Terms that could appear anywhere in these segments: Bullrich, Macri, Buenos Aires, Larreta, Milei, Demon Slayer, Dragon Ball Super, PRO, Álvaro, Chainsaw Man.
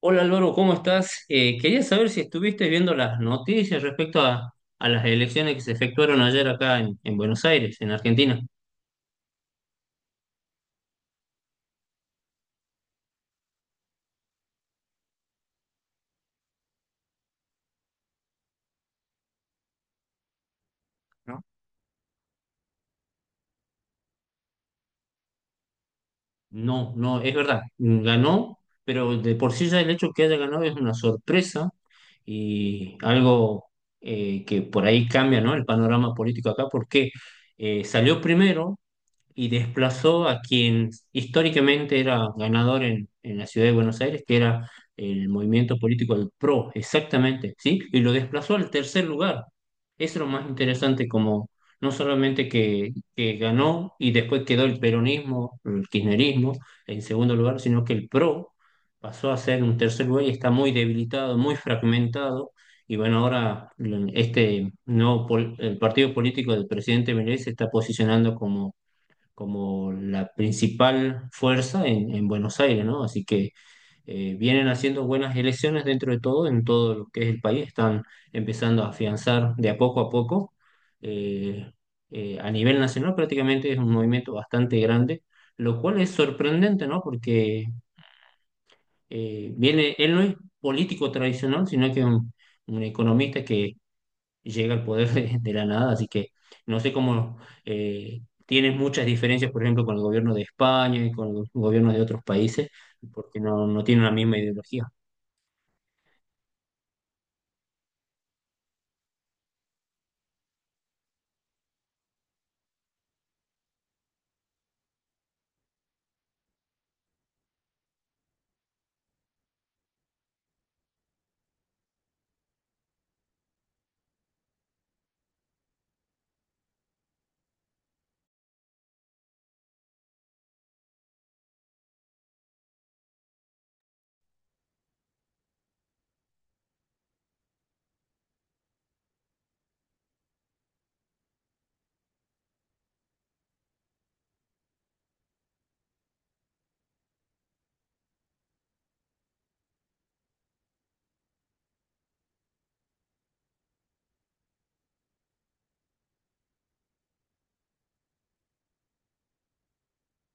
Hola Álvaro, ¿cómo estás? Quería saber si estuviste viendo las noticias respecto a las elecciones que se efectuaron ayer acá en Buenos Aires, en Argentina. ¿No? No, no, es verdad, ganó, pero de por sí ya el hecho que haya ganado es una sorpresa y algo que por ahí cambia, ¿no? El panorama político acá, porque salió primero y desplazó a quien históricamente era ganador en la ciudad de Buenos Aires, que era el movimiento político del PRO, exactamente, ¿sí? Y lo desplazó al tercer lugar. Eso es lo más interesante, como no solamente que ganó y después quedó el peronismo, el kirchnerismo en segundo lugar, sino que el PRO pasó a ser un tercer lugar y está muy debilitado, muy fragmentado. Y bueno, ahora el partido político del presidente Milei se está posicionando como como la principal fuerza en Buenos Aires, ¿no? Así que vienen haciendo buenas elecciones dentro de todo, en todo lo que es el país, están empezando a afianzar de a poco a poco. eh, a nivel nacional prácticamente es un movimiento bastante grande, lo cual es sorprendente, ¿no? Porque viene, él no es político tradicional, sino que es un economista que llega al poder de la nada, así que no sé cómo tienes muchas diferencias, por ejemplo, con el gobierno de España y con los gobiernos de otros países, porque no, no tienen la misma ideología.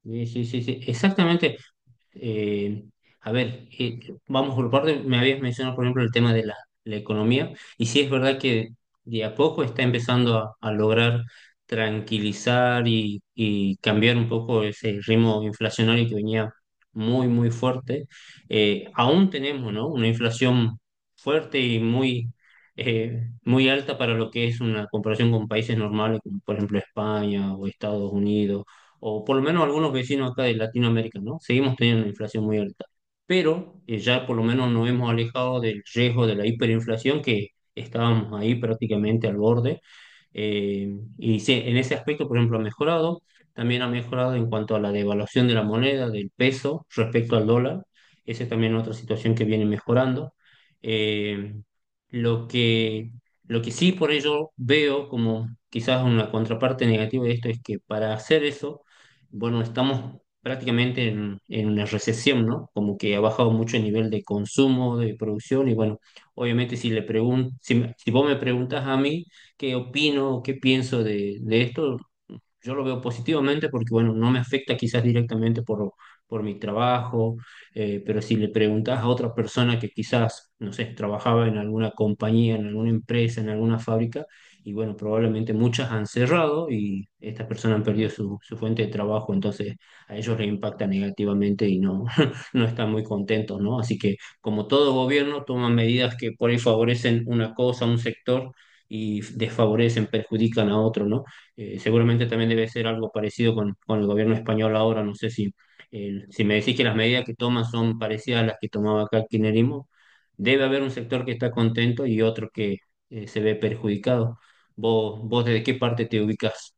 Sí, sí, sí, sí, exactamente. eh, a ver, eh, Vamos por parte, me habías mencionado, por ejemplo, el tema de la economía, y sí es verdad que de a poco está empezando a lograr tranquilizar y cambiar un poco ese ritmo inflacionario que venía muy, muy fuerte. Aún tenemos, ¿no? Una inflación fuerte y muy alta para lo que es una comparación con países normales, como por ejemplo España o Estados Unidos o por lo menos algunos vecinos acá de Latinoamérica, ¿no? Seguimos teniendo una inflación muy alta, pero ya por lo menos nos hemos alejado del riesgo de la hiperinflación que estábamos ahí prácticamente al borde. eh, y sí, en ese aspecto, por ejemplo, ha mejorado. También ha mejorado en cuanto a la devaluación de la moneda, del peso respecto al dólar. Esa es también otra situación que viene mejorando. Eh, lo que, lo que sí por ello veo como quizás una contraparte negativa de esto es que para hacer eso, bueno, estamos prácticamente en una recesión, ¿no? Como que ha bajado mucho el nivel de consumo, de producción y bueno, obviamente si le pregun si, me- si vos me preguntas a mí, qué opino, qué pienso de esto. Yo lo veo positivamente porque, bueno, no me afecta quizás directamente por mi trabajo, pero si le preguntás a otra persona que quizás, no sé, trabajaba en alguna compañía, en alguna empresa, en alguna fábrica, y bueno, probablemente muchas han cerrado y estas personas han perdido su, su fuente de trabajo, entonces a ellos les impacta negativamente y no, no están muy contentos, ¿no? Así que, como todo gobierno, toman medidas que por ahí favorecen una cosa, un sector, y desfavorecen, perjudican a otro, ¿no? Seguramente también debe ser algo parecido con el gobierno español ahora. No sé si, si me decís que las medidas que toman son parecidas a las que tomaba acá el kirchnerismo, debe haber un sector que está contento y otro que se ve perjudicado. ¿Vos, vos desde qué parte te ubicás?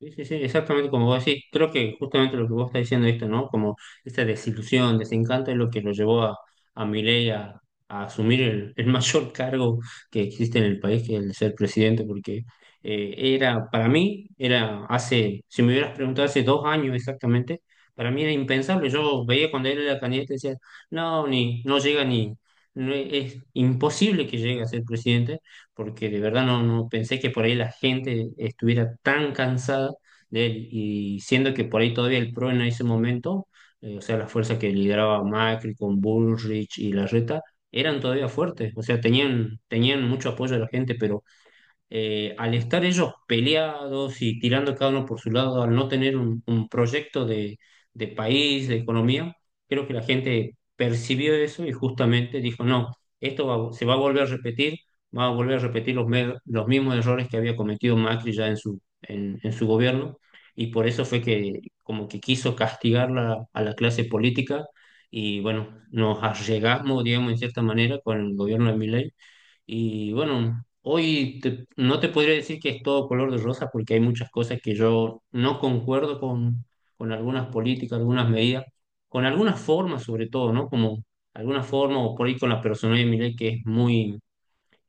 Sí, sí, sí, exactamente como vos decís. Creo que justamente lo que vos estás diciendo esto, ¿no? Como esta desilusión, desencanto es lo que lo llevó a Milei a asumir el mayor cargo que existe en el país, que es el de ser presidente, porque para mí, era hace, si me hubieras preguntado hace dos años exactamente, para mí era impensable. Yo veía cuando él era candidato y decía, no, ni, no llega ni, no, es imposible que llegue a ser presidente porque de verdad no, no pensé que por ahí la gente estuviera tan cansada de él, y siendo que por ahí todavía el PRO en ese momento, o sea, las fuerzas que lideraba Macri con Bullrich y Larreta, eran todavía fuertes, o sea, tenían, tenían mucho apoyo de la gente, pero al estar ellos peleados y tirando cada uno por su lado, al no tener un proyecto de país, de economía, creo que la gente percibió eso y justamente dijo, no, se va a volver a repetir, va a volver a repetir los mismos errores que había cometido Macri ya en su gobierno. Y por eso fue que como que quiso castigar a la clase política y bueno, nos allegamos, digamos, en cierta manera con el gobierno de Milei y bueno, no te podría decir que es todo color de rosa porque hay muchas cosas que yo no concuerdo con algunas políticas, algunas medidas, con algunas formas sobre todo, ¿no? Como alguna forma o por ahí con la personalidad de Milei que es muy,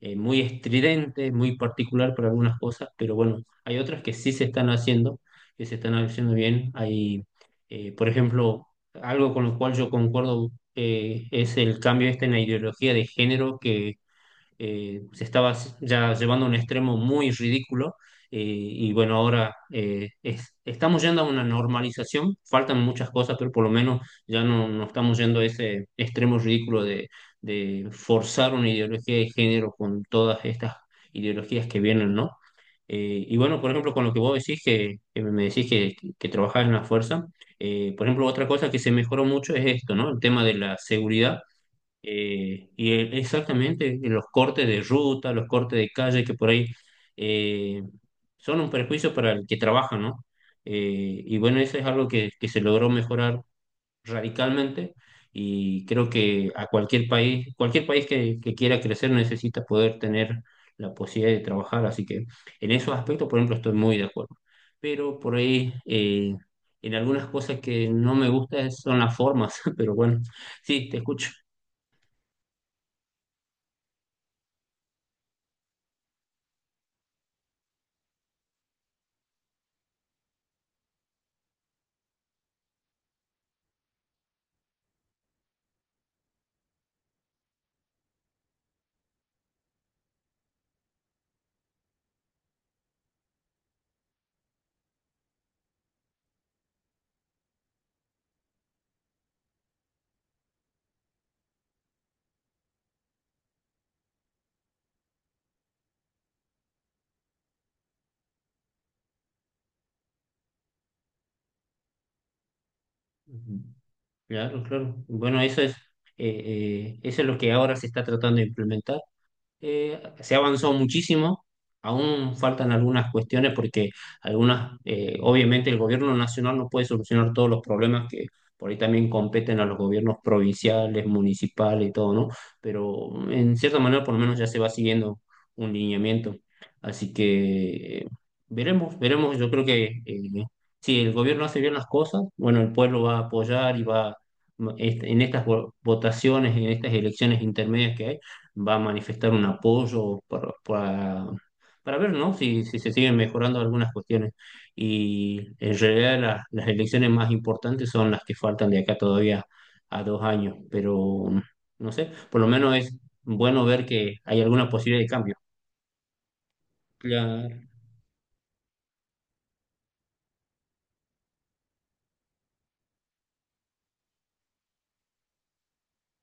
eh, muy estridente, muy particular para algunas cosas, pero bueno, hay otras que sí se están haciendo, que se están haciendo bien. Hay, por ejemplo, algo con lo cual yo concuerdo es el cambio este en la ideología de género que se estaba ya llevando a un extremo muy ridículo. Y bueno, ahora estamos yendo a una normalización, faltan muchas cosas, pero por lo menos ya no, no estamos yendo a ese extremo ridículo de forzar una ideología de género con todas estas ideologías que vienen, ¿no? Y bueno, por ejemplo, con lo que vos decís, que me decís que trabajás en la fuerza, por ejemplo, otra cosa que se mejoró mucho es esto, ¿no? El tema de la seguridad exactamente, en los cortes de ruta, los cortes de calle que por ahí eh, son un perjuicio para el que trabaja, ¿no? Y bueno, eso es algo que se logró mejorar radicalmente y creo que a cualquier país que quiera crecer necesita poder tener la posibilidad de trabajar, así que en esos aspectos, por ejemplo, estoy muy de acuerdo. Pero por ahí, en algunas cosas que no me gustan son las formas, pero bueno, sí, te escucho. Ujú. Claro, claro. Bueno, eso es lo que ahora se está tratando de implementar. Se ha avanzado muchísimo, aún faltan algunas cuestiones porque algunas, obviamente el gobierno nacional no puede solucionar todos los problemas que por ahí también competen a los gobiernos provinciales, municipales y todo, ¿no? Pero en cierta manera por lo menos ya se va siguiendo un lineamiento. Así que veremos, veremos, yo creo que si el gobierno hace bien las cosas, bueno, el pueblo va a apoyar y va... este, en estas votaciones, en estas elecciones intermedias que hay, va a manifestar un apoyo para ver, ¿no? Si, si se siguen mejorando algunas cuestiones. Y en realidad las elecciones más importantes son las que faltan de acá todavía a dos años, pero no sé, por lo menos es bueno ver que hay alguna posibilidad de cambio. Claro.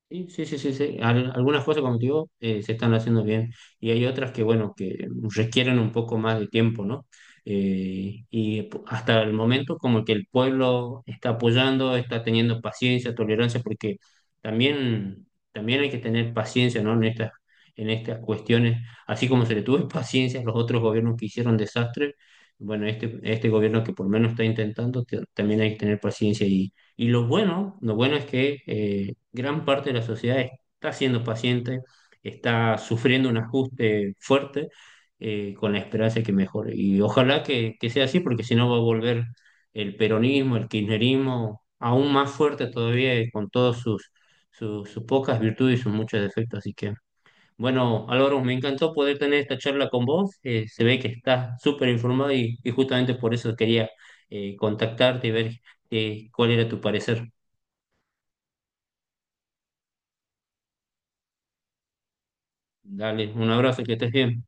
Sí, sí, sí, sí, sí. Algunas cosas, como te digo, se están haciendo bien y hay otras que, bueno, que requieren un poco más de tiempo, ¿no? Hasta el momento como que el pueblo está apoyando, está teniendo paciencia, tolerancia, porque también, también hay que tener paciencia, ¿no? En estas cuestiones, así como se le tuvo paciencia a los otros gobiernos que hicieron desastres, bueno, este gobierno que por lo menos está intentando, también hay que tener paciencia y lo bueno es que gran parte de la sociedad está siendo paciente, está sufriendo un ajuste fuerte con la esperanza de que mejore. Y ojalá que sea así, porque si no va a volver el peronismo, el kirchnerismo, aún más fuerte todavía con todos sus pocas virtudes y sus muchos defectos. Así que bueno, Álvaro, me encantó poder tener esta charla con vos. Se ve que estás súper informado y justamente por eso quería contactarte y ver cuál era tu parecer. Dale, un abrazo, que estés bien.